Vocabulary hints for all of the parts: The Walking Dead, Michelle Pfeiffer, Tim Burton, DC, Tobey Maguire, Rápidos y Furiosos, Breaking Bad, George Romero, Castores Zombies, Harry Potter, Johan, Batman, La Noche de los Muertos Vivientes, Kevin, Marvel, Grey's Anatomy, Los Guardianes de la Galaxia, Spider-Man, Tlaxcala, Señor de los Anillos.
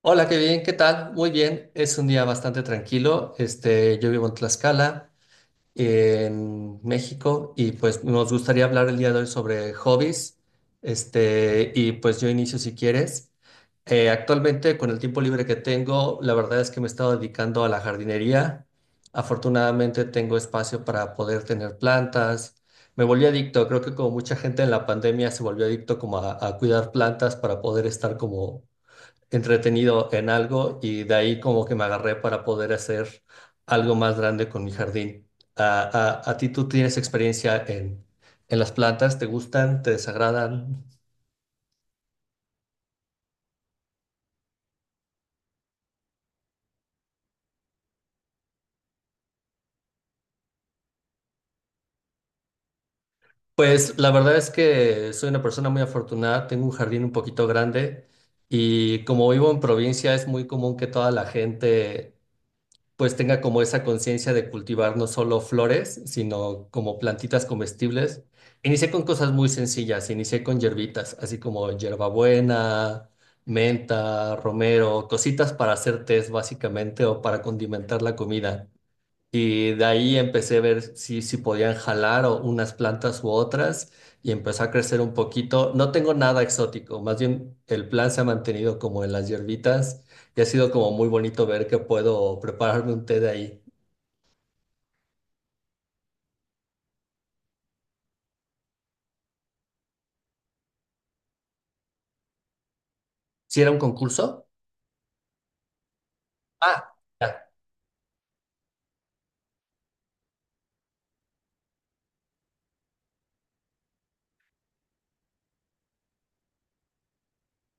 Hola, qué bien, ¿qué tal? Muy bien, es un día bastante tranquilo. Yo vivo en Tlaxcala, en México, y pues nos gustaría hablar el día de hoy sobre hobbies. Y pues yo inicio si quieres. Actualmente, con el tiempo libre que tengo, la verdad es que me he estado dedicando a la jardinería. Afortunadamente, tengo espacio para poder tener plantas. Me volví adicto, creo que como mucha gente en la pandemia se volvió adicto como a cuidar plantas para poder estar como entretenido en algo y de ahí como que me agarré para poder hacer algo más grande con mi jardín. ¿A, a ti tú tienes experiencia en las plantas? ¿Te gustan? ¿Te desagradan? Pues la verdad es que soy una persona muy afortunada, tengo un jardín un poquito grande y como vivo en provincia es muy común que toda la gente pues tenga como esa conciencia de cultivar no solo flores, sino como plantitas comestibles. Inicié con cosas muy sencillas, inicié con hierbitas, así como hierbabuena, menta, romero, cositas para hacer tés básicamente o para condimentar la comida. Y de ahí empecé a ver si podían jalar o unas plantas u otras y empezó a crecer un poquito. No tengo nada exótico, más bien el plan se ha mantenido como en las hierbitas y ha sido como muy bonito ver que puedo prepararme un té de ahí. ¿Si era un concurso? Ah, ya.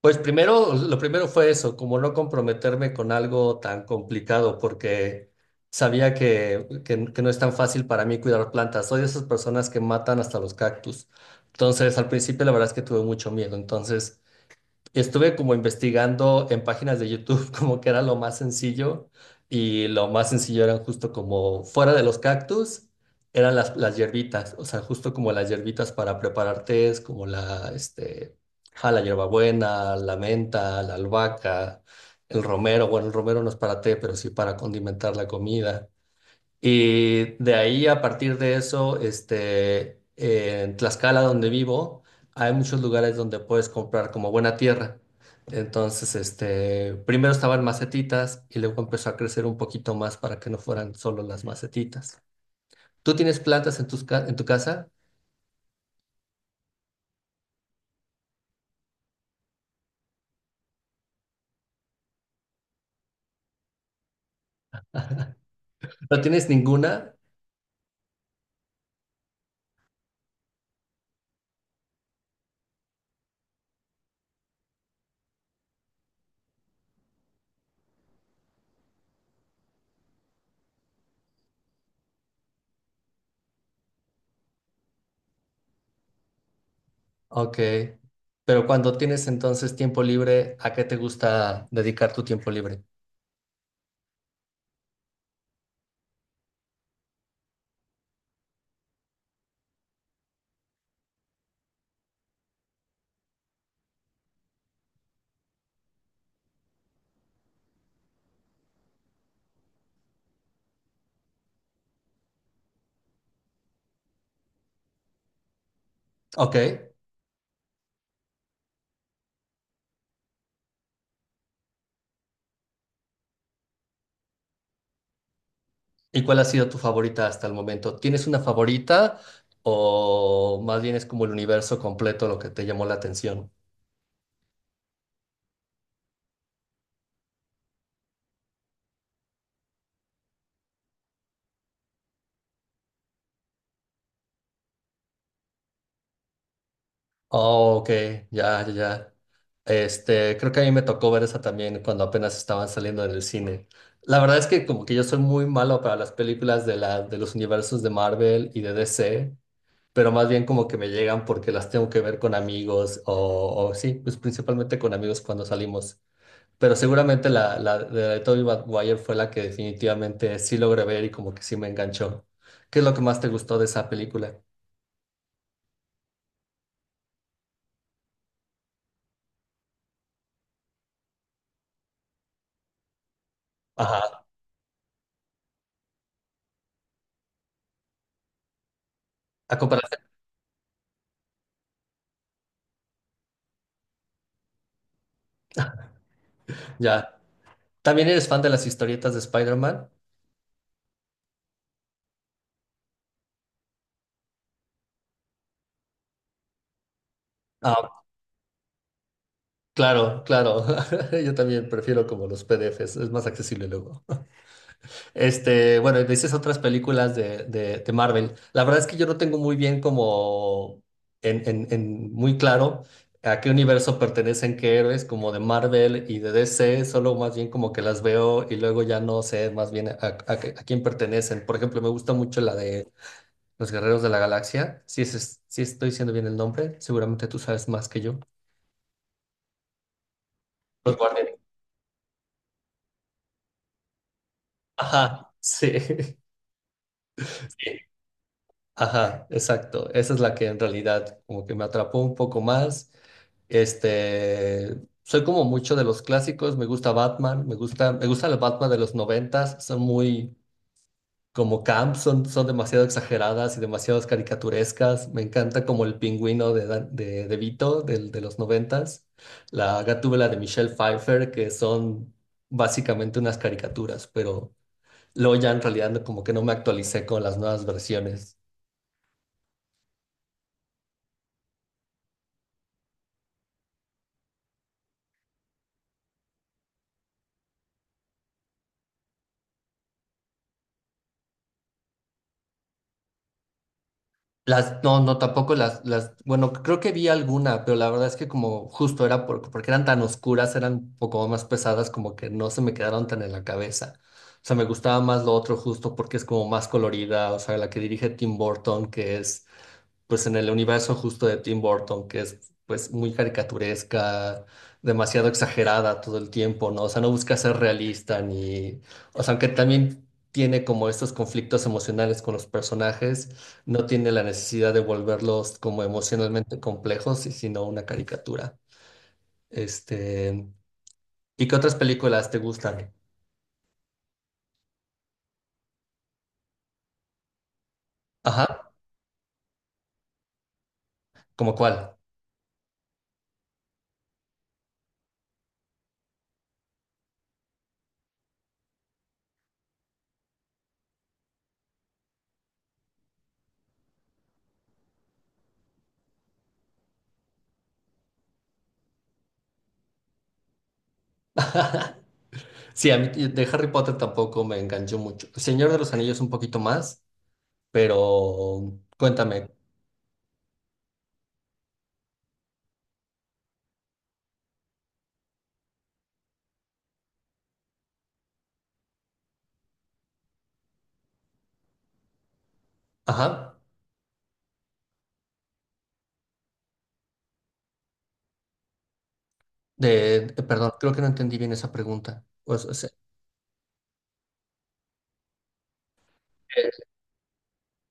Pues primero, lo primero fue eso, como no comprometerme con algo tan complicado, porque sabía que no es tan fácil para mí cuidar plantas. Soy de esas personas que matan hasta los cactus. Entonces, al principio la verdad es que tuve mucho miedo. Entonces, estuve como investigando en páginas de YouTube como que era lo más sencillo y lo más sencillo eran justo como fuera de los cactus, eran las hierbitas, o sea, justo como las hierbitas para preparar tés, como la la hierbabuena, la menta, la albahaca, el romero, bueno, el romero no es para té, pero sí para condimentar la comida. Y de ahí, a partir de eso, en Tlaxcala, donde vivo, hay muchos lugares donde puedes comprar como buena tierra. Entonces, primero estaban macetitas y luego empezó a crecer un poquito más para que no fueran solo las macetitas. ¿Tú tienes plantas en en tu casa? ¿No tienes ninguna? Ok. Pero cuando tienes entonces tiempo libre, ¿a qué te gusta dedicar tu tiempo libre? Ok. ¿Y cuál ha sido tu favorita hasta el momento? ¿Tienes una favorita o más bien es como el universo completo lo que te llamó la atención? Oh, ok, ya, ya, ya. Creo que a mí me tocó ver esa también cuando apenas estaban saliendo en el cine. La verdad es que como que yo soy muy malo para las películas de de los universos de Marvel y de DC, pero más bien como que me llegan porque las tengo que ver con amigos o sí, pues principalmente con amigos cuando salimos. Pero seguramente la de Tobey Maguire fue la que definitivamente sí logré ver y como que sí me enganchó. ¿Qué es lo que más te gustó de esa película? Ajá, a comparación, ya. ¿También eres fan de las historietas de Spider-Man? Ah, claro, claro. Yo también prefiero como los PDFs, es más accesible luego. Bueno, y dices otras películas de Marvel. La verdad es que yo no tengo muy bien como en muy claro a qué universo pertenecen qué héroes, como de Marvel y de DC, solo más bien como que las veo y luego ya no sé más bien a, a quién pertenecen. Por ejemplo, me gusta mucho la de Los Guerreros de la Galaxia. Si estoy diciendo bien el nombre, seguramente tú sabes más que yo. Los Guardianes. Ajá, sí. Ajá, exacto. Esa es la que en realidad como que me atrapó un poco más. Soy como mucho de los clásicos, me gusta Batman, me gusta el Batman de los noventas, son muy como camp, son demasiado exageradas y demasiado caricaturescas. Me encanta como el pingüino de, de Vito de los noventas, la Gatúbela de Michelle Pfeiffer, que son básicamente unas caricaturas, pero luego ya en realidad como que no me actualicé con las nuevas versiones. Las, no, no, tampoco las, las, bueno, creo que vi alguna, pero la verdad es que como justo era porque eran tan oscuras, eran un poco más pesadas, como que no se me quedaron tan en la cabeza. O sea, me gustaba más lo otro justo porque es como más colorida, o sea, la que dirige Tim Burton, que es pues en el universo justo de Tim Burton, que es pues muy caricaturesca, demasiado exagerada todo el tiempo, ¿no? O sea, no busca ser realista ni, o sea, aunque también tiene como estos conflictos emocionales con los personajes, no tiene la necesidad de volverlos como emocionalmente complejos, y sino una caricatura. Este, ¿Y qué otras películas te gustan? Ajá, ¿como cuál? Sí, a mí de Harry Potter tampoco me enganchó mucho. Señor de los Anillos un poquito más. Pero cuéntame, ajá, perdón, creo que no entendí bien esa pregunta. O sea,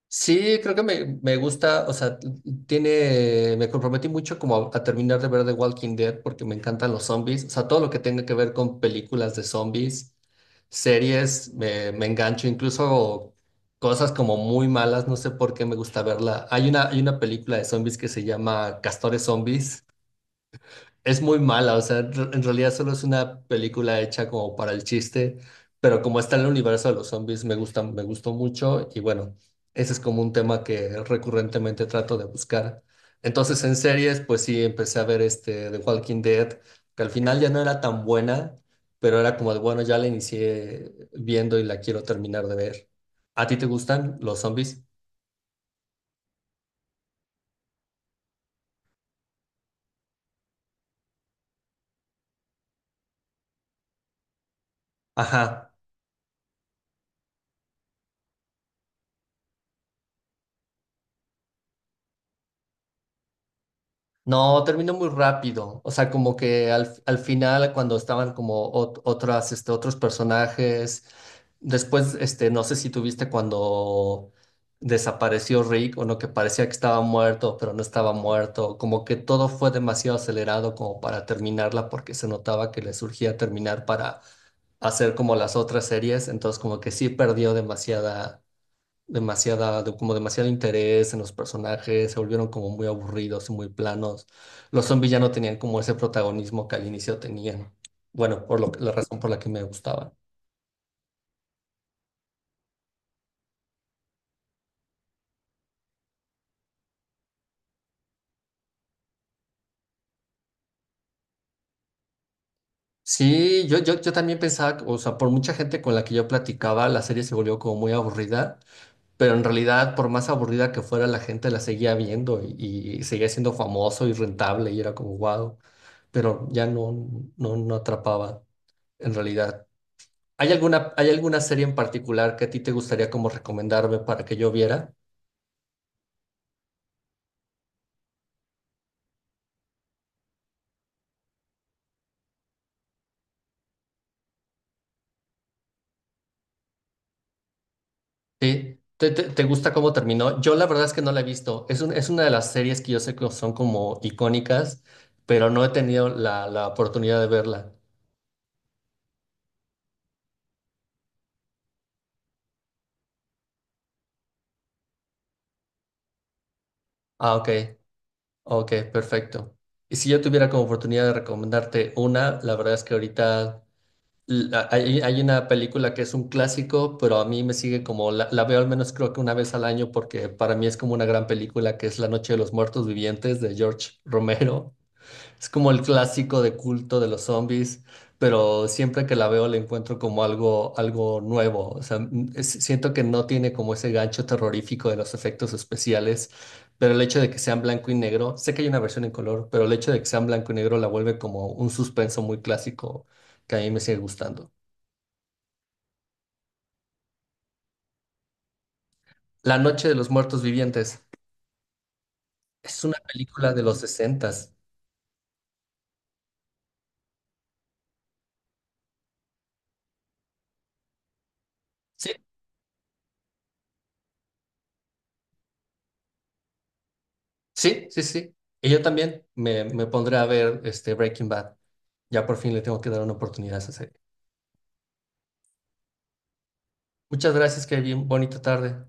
sí, creo que me gusta, o sea, tiene, me comprometí mucho como a terminar de ver The Walking Dead porque me encantan los zombies, o sea, todo lo que tenga que ver con películas de zombies, series, me engancho, incluso cosas como muy malas, no sé por qué me gusta verla. Hay una película de zombies que se llama Castores Zombies. Es muy mala, o sea, en realidad solo es una película hecha como para el chiste, pero como está en el universo de los zombies, me gusta, me gustó mucho y bueno, ese es como un tema que recurrentemente trato de buscar. Entonces, en series, pues sí, empecé a ver este The Walking Dead, que al final ya no era tan buena, pero era como de, bueno, ya la inicié viendo y la quiero terminar de ver. ¿A ti te gustan los zombies? Ajá. No, terminó muy rápido. O sea, como que al final, cuando estaban como otras, otros personajes, después, no sé si tuviste cuando desapareció Rick o no, que parecía que estaba muerto, pero no estaba muerto. Como que todo fue demasiado acelerado como para terminarla, porque se notaba que le surgía terminar para hacer como las otras series. Entonces, como que sí perdió demasiada como demasiado interés en los personajes, se volvieron como muy aburridos y muy planos. Los zombies ya no tenían como ese protagonismo que al inicio tenían. Bueno, por lo, la razón por la que me gustaban. Sí, yo también pensaba, o sea, por mucha gente con la que yo platicaba, la serie se volvió como muy aburrida, pero en realidad, por más aburrida que fuera, la gente la seguía viendo y seguía siendo famoso y rentable y era como wow, pero ya no atrapaba en realidad. ¿Hay alguna serie en particular que a ti te gustaría como recomendarme para que yo viera? Sí. ¿Te gusta cómo terminó? Yo la verdad es que no la he visto. Es una de las series que yo sé que son como icónicas, pero no he tenido la oportunidad de verla. Ah, ok, ok, perfecto. Y si yo tuviera como oportunidad de recomendarte una, la verdad es que ahorita hay una película que es un clásico, pero a mí me sigue como, la veo al menos creo que una vez al año porque para mí es como una gran película que es La Noche de los Muertos Vivientes de George Romero. Es como el clásico de culto de los zombies, pero siempre que la veo la encuentro como algo, algo nuevo. O sea, siento que no tiene como ese gancho terrorífico de los efectos especiales, pero el hecho de que sean blanco y negro, sé que hay una versión en color, pero el hecho de que sean blanco y negro la vuelve como un suspenso muy clásico que a mí me sigue gustando. La Noche de los Muertos Vivientes. Es una película de los sesentas. Sí, sí, sí, sí. Y yo también me pondré a ver este Breaking Bad. Ya por fin le tengo que dar una oportunidad a esa serie. Muchas gracias, Kevin. Bonita tarde.